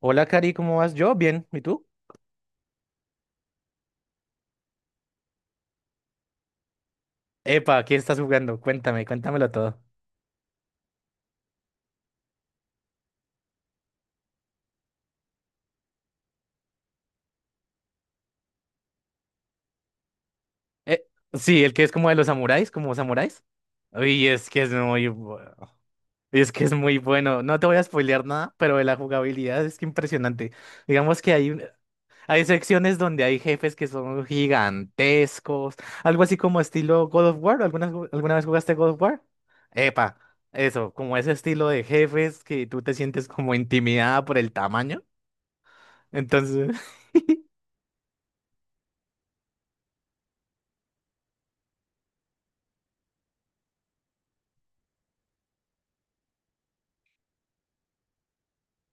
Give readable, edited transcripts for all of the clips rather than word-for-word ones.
Hola, Cari, ¿cómo vas? Yo, bien. ¿Y tú? Epa, ¿qué estás jugando? Cuéntame, cuéntamelo todo. Eh, sí, el que es como de los samuráis, como samuráis. Uy, es que es muy bueno. Es que es muy bueno. No te voy a spoilear nada, pero de la jugabilidad es que impresionante. Digamos que hay secciones donde hay jefes que son gigantescos, algo así como estilo God of War. ¿Alguna vez jugaste God of War? Epa, eso, como ese estilo de jefes que tú te sientes como intimidada por el tamaño. Entonces.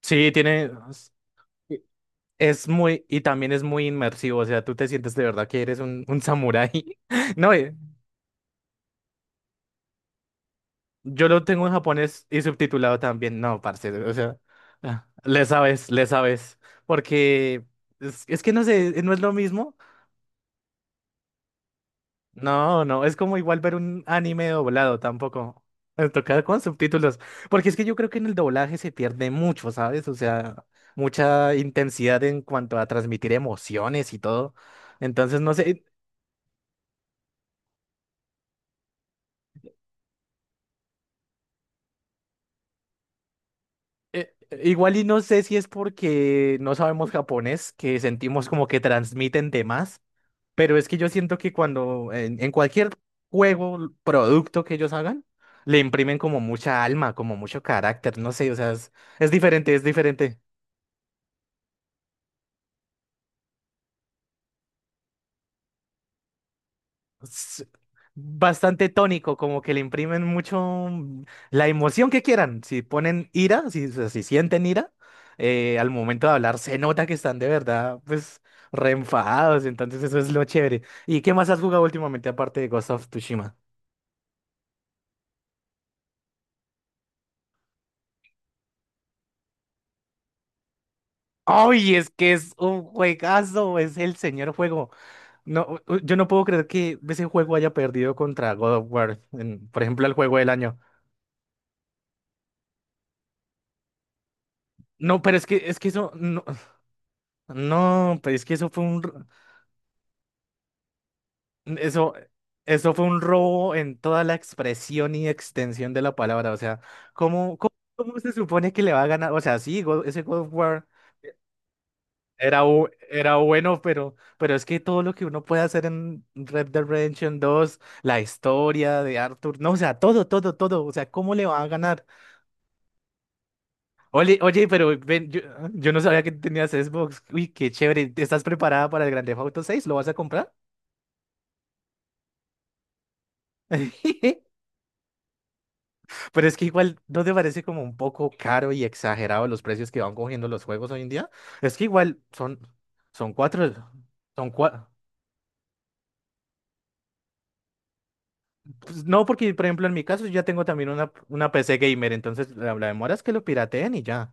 Sí, tiene, es muy, y también es muy inmersivo, o sea, tú te sientes de verdad que eres un samurái. No, yo lo tengo en japonés y subtitulado también, no, parce, o sea, ah, le sabes, porque es que no sé, no es lo mismo. No, no, es como igual ver un anime doblado tampoco. Me toca con subtítulos, porque es que yo creo que en el doblaje se pierde mucho, ¿sabes? O sea, mucha intensidad en cuanto a transmitir emociones y todo. Entonces, no sé, igual y no sé si es porque no sabemos japonés, que sentimos como que transmiten temas, pero es que yo siento que cuando en cualquier juego, producto que ellos hagan, le imprimen como mucha alma, como mucho carácter, no sé, o sea, es diferente, es diferente. s- Bastante tónico, como que le imprimen mucho la emoción que quieran. Si ponen ira, si sienten ira, al momento de hablar se nota que están de verdad, pues, re enfadados. Entonces eso es lo chévere. ¿Y qué más has jugado últimamente aparte de Ghost of Tsushima? ¡Ay, es que es un juegazo! Es el señor juego. No, yo no puedo creer que ese juego haya perdido contra God of War, por ejemplo, el juego del año. No, pero es que eso, no, no, pero es que eso fue. Eso, eso fue un robo en toda la expresión y extensión de la palabra. O sea, ¿cómo se supone que le va a ganar? O sea, sí, ese God of War era bueno, pero es que todo lo que uno puede hacer en Red Dead Redemption dos la historia de Arthur, no, o sea, todo, todo, todo. O sea, ¿cómo le va a ganar? Oye, oye, pero ven, yo no sabía que tenías Xbox. Uy, qué chévere. ¿Estás preparada para el Grand Theft Auto 6? ¿Lo vas a comprar? Pero es que igual, ¿no te parece como un poco caro y exagerado los precios que van cogiendo los juegos hoy en día? Es que igual son cuatro, son cuatro. No, porque por ejemplo en mi caso yo ya tengo también una PC gamer, entonces la demora es que lo pirateen y ya.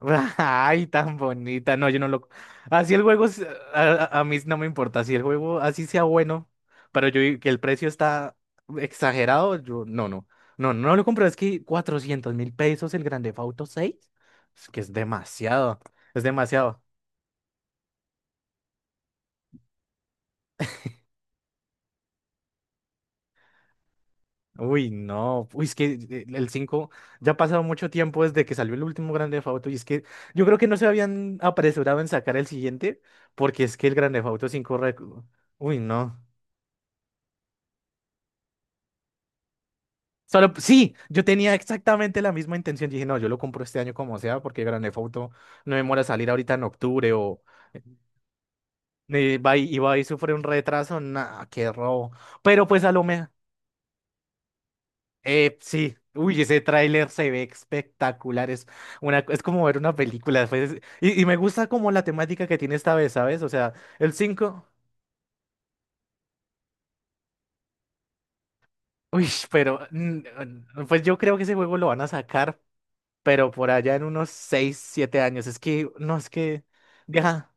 Ay, tan bonita. No, yo no lo. Así el juego, a mí no me importa. Si el juego así sea bueno, pero yo que el precio está exagerado, yo no, no. No, no lo compro. Es que 400.000 pesos el Grand Theft Auto 6. Es que es demasiado. Es demasiado. Uy, no. Uy, es que el 5. Ya ha pasado mucho tiempo desde que salió el último Grand Theft Auto. Y es que yo creo que no se habían apresurado en sacar el siguiente, porque es que el Grand Theft Auto 5. Uy, no. Solo, sí, yo tenía exactamente la misma intención. Dije, no, yo lo compro este año como sea, porque Grand Theft Auto no demora a salir ahorita en octubre o va y va y sufre un retraso. Nah, qué robo. Pero pues a lo mejor, sí. Uy, ese tráiler se ve espectacular. Es como ver una película. Pues, y me gusta como la temática que tiene esta vez, ¿sabes? O sea, el cinco. Uy, pero pues yo creo que ese juego lo van a sacar pero por allá en unos 6 7 años. Es que, no, es que, deja,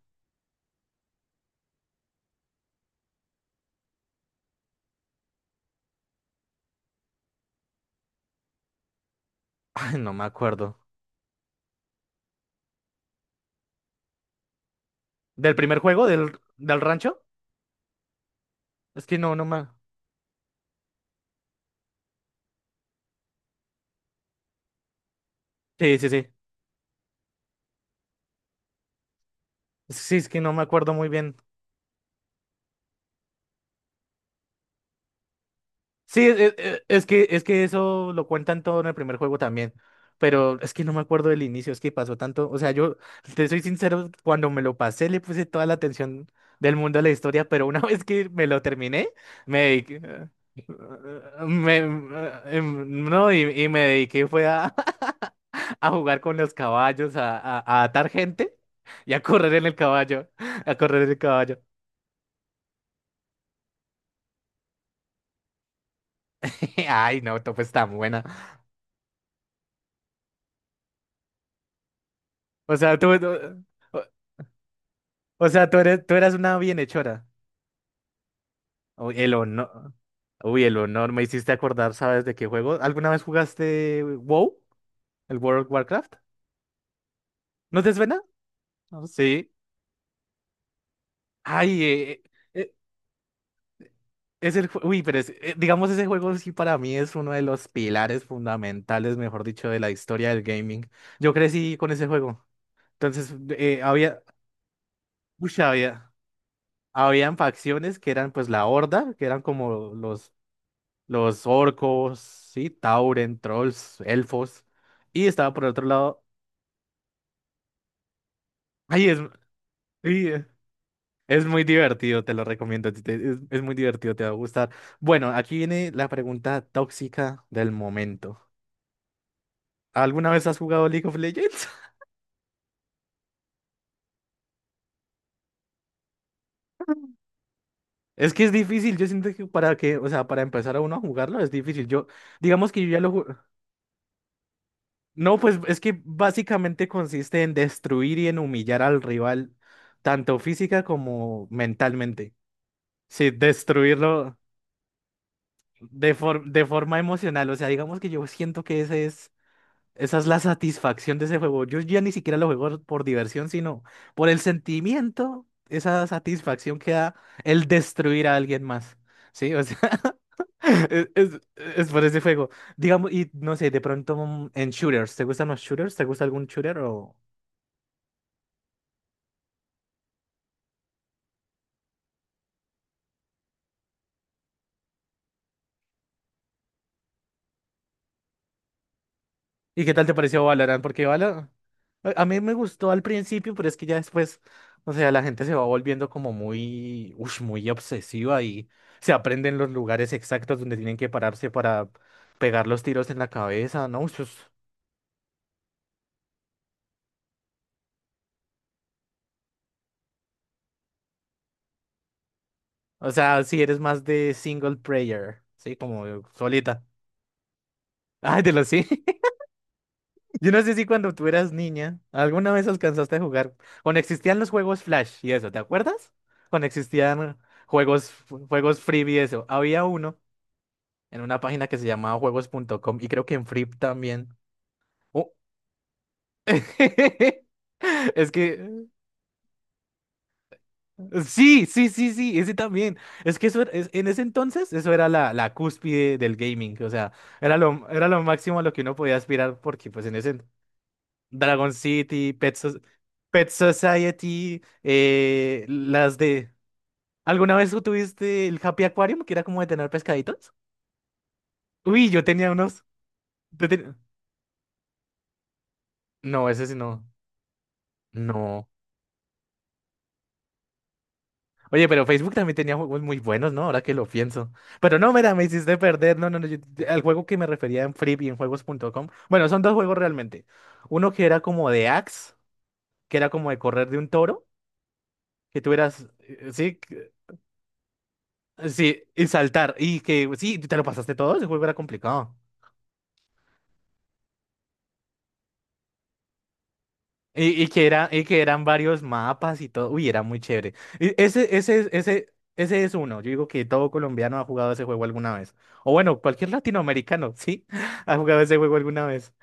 ay, no me acuerdo. ¿Del primer juego del rancho? Es que no, no me... Sí, sí, sí. Sí, es que no me acuerdo muy bien. Sí, es que eso lo cuentan todo en el primer juego también, pero es que no me acuerdo del inicio, es que pasó tanto, o sea, yo te soy sincero, cuando me lo pasé le puse toda la atención del mundo a la historia, pero una vez que me lo terminé, me dediqué, eh, me- eh, no, y me dediqué fue a, a jugar con los caballos, a atar gente y a correr en el caballo, a correr en el caballo. Ay, no, Top está buena. O sea, tú... O sea, tú eras una bienhechora. Uy, el honor. Uy, el honor. Me hiciste acordar, ¿sabes de qué juego? ¿Alguna vez jugaste WoW? ¿El World of Warcraft? ¿No te suena? No, sí. Ay, eh, Uy, pero digamos, ese juego sí para mí es uno de los pilares fundamentales, mejor dicho, de la historia del gaming. Yo crecí con ese juego. Entonces, había... Uy, había... Habían facciones que eran pues la Horda, que eran como los orcos, sí, Tauren, trolls, elfos. Y estaba por otro lado. Ay, sí, es muy divertido, te lo recomiendo. Es muy divertido, te va a gustar. Bueno, aquí viene la pregunta tóxica del momento. ¿Alguna vez has jugado League of Legends? Es que es difícil, yo siento que para que, o sea, para empezar a uno a jugarlo es difícil. Yo, digamos que yo ya. No, pues es que básicamente consiste en destruir y en humillar al rival, tanto física como mentalmente. Sí, destruirlo de forma emocional. O sea, digamos que yo siento que esa es la satisfacción de ese juego. Yo ya ni siquiera lo juego por diversión, sino por el sentimiento, esa satisfacción que da el destruir a alguien más. Sí, o sea, es, es- es por ese juego. Digamos, y no sé, de pronto en shooters, ¿te gustan los shooters? ¿Te gusta algún shooter o...? ¿Y qué tal te pareció Valorant? Porque Valorant a mí me gustó al principio, pero es que ya después, o sea, la gente se va volviendo como muy, ush, muy obsesiva y se aprenden los lugares exactos donde tienen que pararse para pegar los tiros en la cabeza, ¿no? Ush, ush. O sea, si eres más de single player, sí, como solita. Ay, de los sí. Yo no sé si cuando tú eras niña, alguna vez alcanzaste a jugar, cuando existían los juegos Flash y eso, ¿te acuerdas? Cuando existían juegos, juegos Freebie y eso, había uno en una página que se llamaba juegos.com y creo que en Free también. Oh. Es que sí, sí, sí, sí, ese también. Es que eso en ese entonces eso era la cúspide del gaming, o sea, era lo máximo a lo que uno podía aspirar porque pues en ese Dragon City, Pet Society, las de... ¿Alguna vez tú tuviste el Happy Aquarium, que era como de tener pescaditos? Uy, yo tenía unos... yo ten- No, ese sí no. No. Oye, pero Facebook también tenía juegos muy buenos, ¿no? Ahora que lo pienso. Pero no, mira, me hiciste perder. No, no, no. Al juego que me refería en Flip y en juegos.com. Bueno, son dos juegos realmente. Uno que era como de Axe, que era como de correr de un toro, que tú eras... sí, sí, y saltar. Y que sí, te lo pasaste todo, ese juego era complicado. Y que eran varios mapas y todo. Uy, era muy chévere. Y ese es uno. Yo digo que todo colombiano ha jugado ese juego alguna vez. O bueno, cualquier latinoamericano, sí, ha jugado ese juego alguna vez.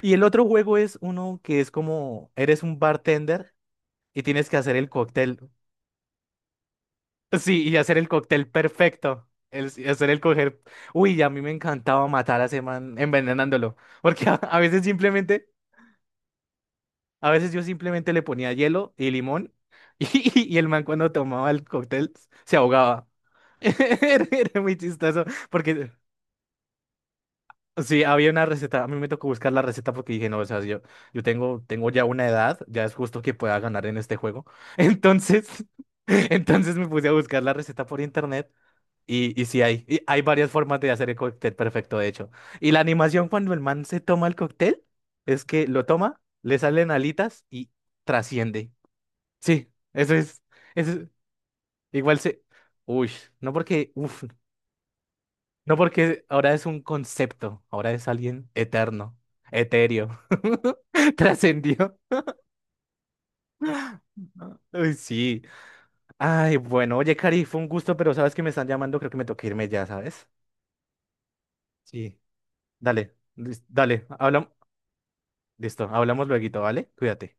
Y el otro juego es uno que es como, eres un bartender y tienes que hacer el cóctel. Sí, y hacer el cóctel perfecto. Y hacer el coger. Uy, a mí me encantaba matar a ese man envenenándolo. Porque A veces yo simplemente le ponía hielo y limón y el man cuando tomaba el cóctel se ahogaba. Era muy chistoso porque sí, había una receta. A mí me tocó buscar la receta porque dije, no, o sea, yo tengo ya una edad, ya es justo que pueda ganar en este juego. Entonces, entonces me puse a buscar la receta por internet y sí hay varias formas de hacer el cóctel perfecto, de hecho. Y la animación cuando el man se toma el cóctel es que lo toma, le salen alitas y trasciende. Sí, eso es, eso es- igual se, uy, no porque, uf, no porque ahora es un concepto, ahora es alguien eterno, etéreo, trascendió. Uy, sí. Ay, bueno, oye, Cari, fue un gusto, pero sabes que me están llamando, creo que me toca irme ya, ¿sabes? Sí. Dale, dale, hablamos, listo, hablamos luego, ¿vale? Cuídate.